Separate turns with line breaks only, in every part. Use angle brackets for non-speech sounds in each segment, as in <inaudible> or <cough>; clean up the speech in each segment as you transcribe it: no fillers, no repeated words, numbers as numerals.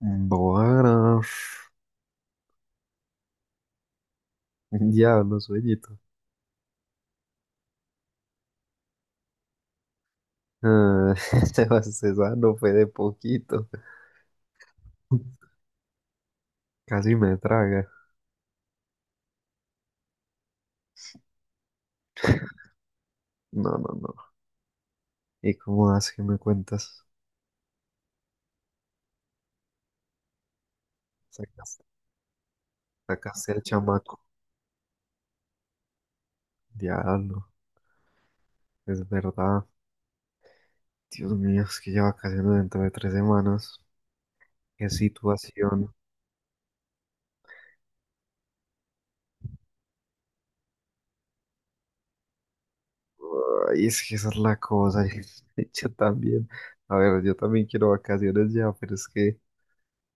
Bueno, <laughs> diablo, sueñito. Ah, <laughs> esa no fue de poquito. Casi me traga. No, no, no. ¿Y cómo vas que me cuentas? Sacaste, sacaste al chamaco. Diablo, es verdad. Dios mío, es que ya vacaciones dentro de 3 semanas. Qué situación. Ay, es que esa es la cosa. <laughs> Yo también. A ver, yo también quiero vacaciones ya, pero es que,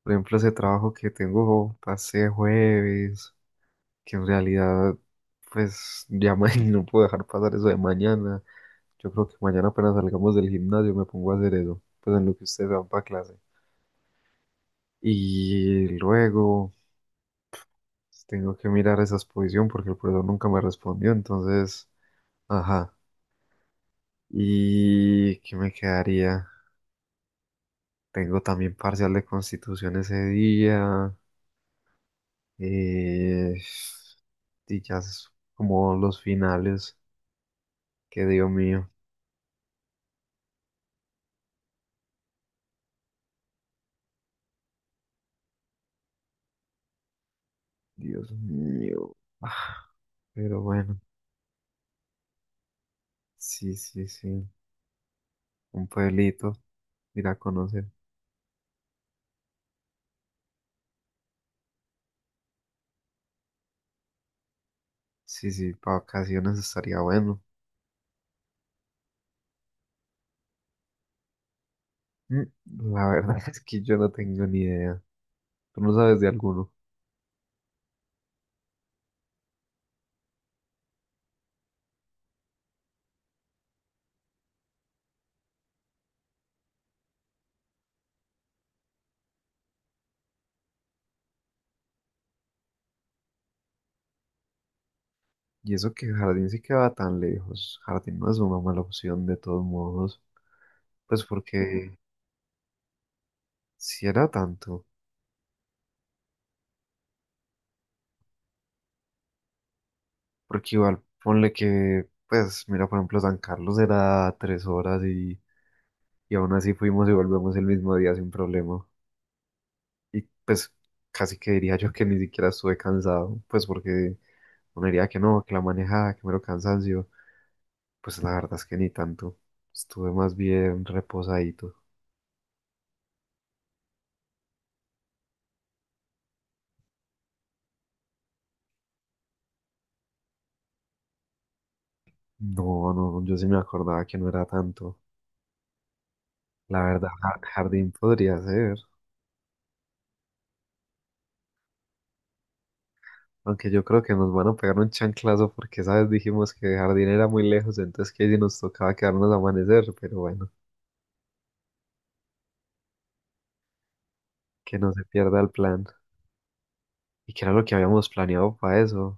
por ejemplo, ese trabajo que tengo pasé jueves. Que en realidad, pues ya <laughs> no puedo dejar pasar eso de mañana. Yo creo que mañana apenas salgamos del gimnasio me pongo a hacer eso, pues en lo que ustedes van para clase. Y luego pues, tengo que mirar esa exposición porque el profesor nunca me respondió, entonces, ajá. ¿Y qué me quedaría? Tengo también parcial de constitución ese día. eh, y ya es como los finales. Que Dios mío, Dios mío. Pero bueno, sí, sí, sí. Un pueblito, ir a conocer. Sí, sí, para vacaciones estaría bueno. Mm, La verdad <laughs> es que yo no tengo ni idea. Tú no sabes de alguno. Y eso que Jardín sí queda tan lejos. Jardín no es una mala opción de todos modos. Pues porque si era tanto. Porque igual, ponle que, pues, mira, por ejemplo, San Carlos era 3 horas y aún así fuimos y volvemos el mismo día sin problema. Y pues casi que diría yo que ni siquiera estuve cansado, pues porque uno diría que no, que la manejada, que mero cansancio. Pues la verdad es que ni tanto. Estuve más bien reposadito. No, no, yo sí me acordaba que no era tanto. La verdad, Jardín podría ser. Aunque yo creo que nos van a pegar un chanclazo porque, ¿sabes? Dijimos que Jardín era muy lejos, entonces que si nos tocaba quedarnos a amanecer, pero bueno, que no se pierda el plan. ¿Y qué era lo que habíamos planeado para eso?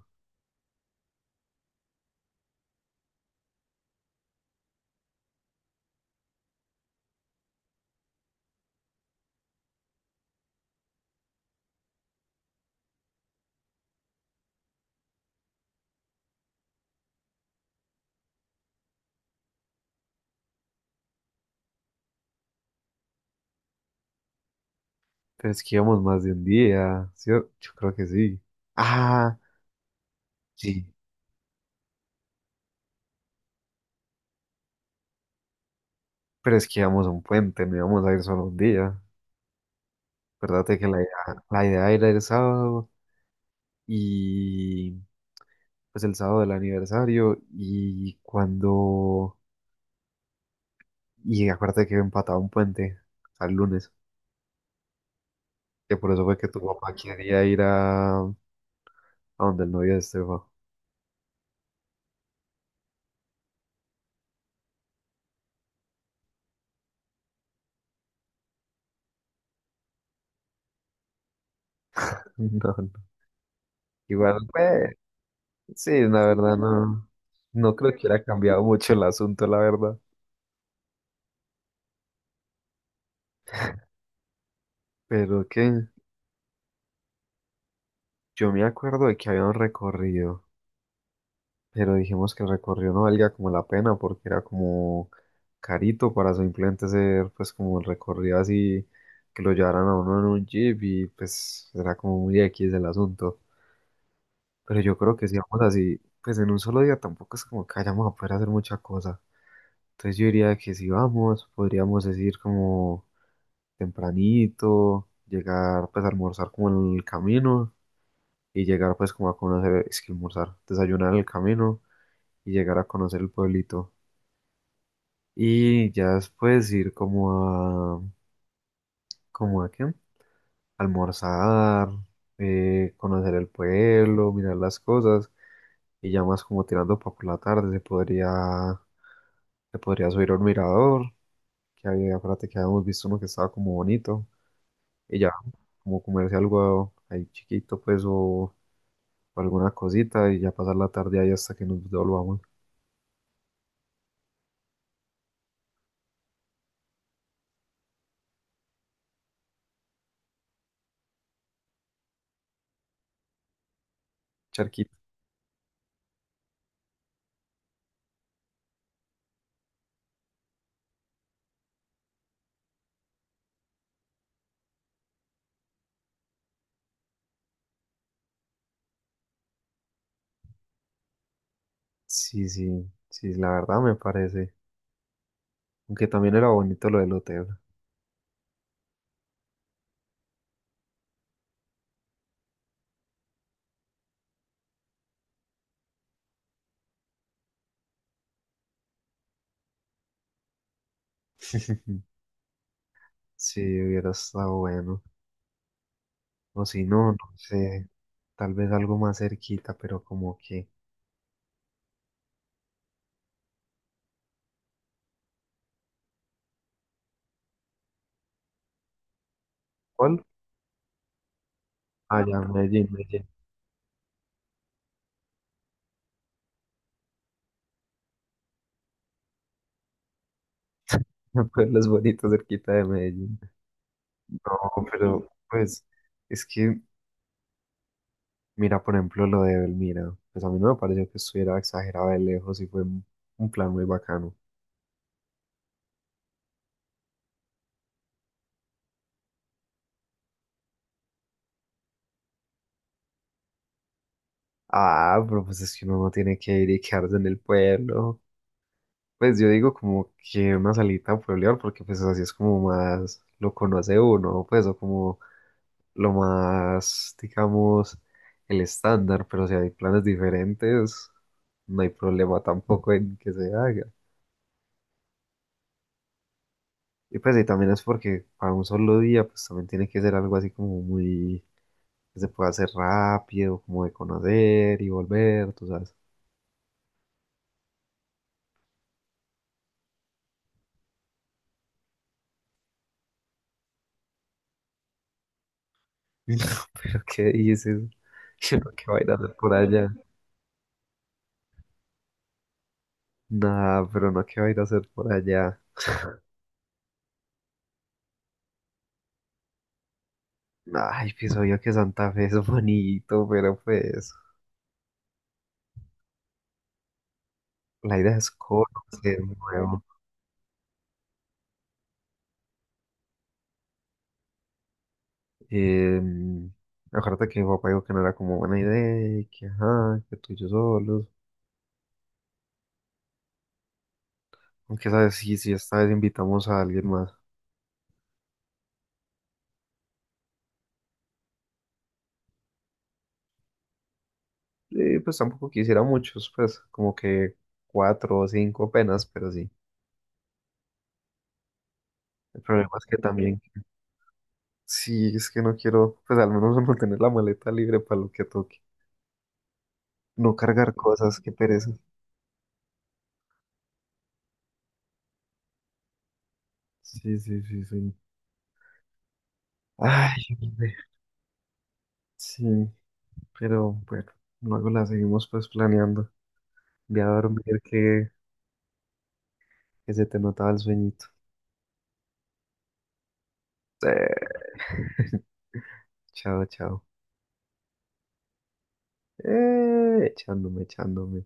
Pero es que íbamos más de un día, ¿sí? Yo creo que sí. Ah, sí. Pero es que íbamos a un puente, no íbamos a ir solo un día. Acuérdate que la idea era el sábado y pues el sábado del aniversario y cuando... Y acuérdate que empataba un puente al lunes, que por eso fue que tu papá quería ir a donde el novio de Esteban. <laughs> No, no. Igual, pues, sí, la verdad no. No creo que hubiera cambiado mucho el asunto, la verdad. Pero qué. Yo me acuerdo de que había un recorrido, pero dijimos que el recorrido no valía como la pena porque era como carito para simplemente ser pues como el recorrido así que lo llevaran a uno en un jeep y pues era como muy X el asunto. Pero yo creo que si vamos así, pues en un solo día tampoco es como que vayamos a poder hacer mucha cosa. Entonces yo diría que si vamos, podríamos decir como tempranito, llegar pues a almorzar como en el camino y llegar pues como a conocer, es que almorzar, desayunar en el camino y llegar a conocer el pueblito. Y ya después ir como a, ¿como a qué? Almorzar, conocer el pueblo, mirar las cosas y ya más como tirando para por la tarde se podría subir a un mirador, que había, acuérdate que habíamos visto uno que estaba como bonito y ya como comerse algo ahí chiquito pues o alguna cosita y ya pasar la tarde ahí hasta que nos volvamos. Charquito. Sí, sí, sí, la verdad me parece. Aunque también era bonito lo del hotel. <laughs> Sí, hubiera estado bueno. O si no, no sé, tal vez algo más cerquita, pero como que... ¿Cuál? Ah, ya, Medellín, Medellín. <laughs> Pueblos bonitos cerquita de Medellín. No, pero pues es que, mira, por ejemplo, lo de Belmira, pues a mí no me pareció que estuviera exagerado de lejos y fue un plan muy bacano. Ah, pero pues es que uno no tiene que ir y quedarse en el pueblo. Pues yo digo como que una salita a pueblear, porque pues así es como más lo conoce uno, pues, o como lo más, digamos, el estándar, pero si hay planes diferentes, no hay problema tampoco en que se haga. Y pues y también es porque para un solo día, pues también tiene que ser algo así como muy, que se pueda hacer rápido, como de conocer y volver, tú sabes. <laughs> ¿Qué dices? <laughs> ¿Qué va a ir a hacer por allá? Nada, pero no, ¿qué va a ir a hacer por allá? Ay, pienso yo que Santa Fe es bonito, pero pues la idea es conocer nuevo. Eh, Acuérdate que mi papá dijo que no era como buena idea, y que ajá, que tú y yo solos. Aunque sabes, sí, sí, esta vez invitamos a alguien más. Pues tampoco quisiera muchos, pues como que cuatro o cinco apenas, pero sí. El problema es que también, sí, es que no quiero, pues al menos <laughs> no tener la maleta libre para lo que toque. No cargar cosas, qué pereza. Sí, sí, sí, sí. Ay, no, hombre. Sí, pero bueno, luego la seguimos pues planeando. Voy a dormir que se te notaba el sueñito. <laughs> Chao, chao. Echándome, echándome.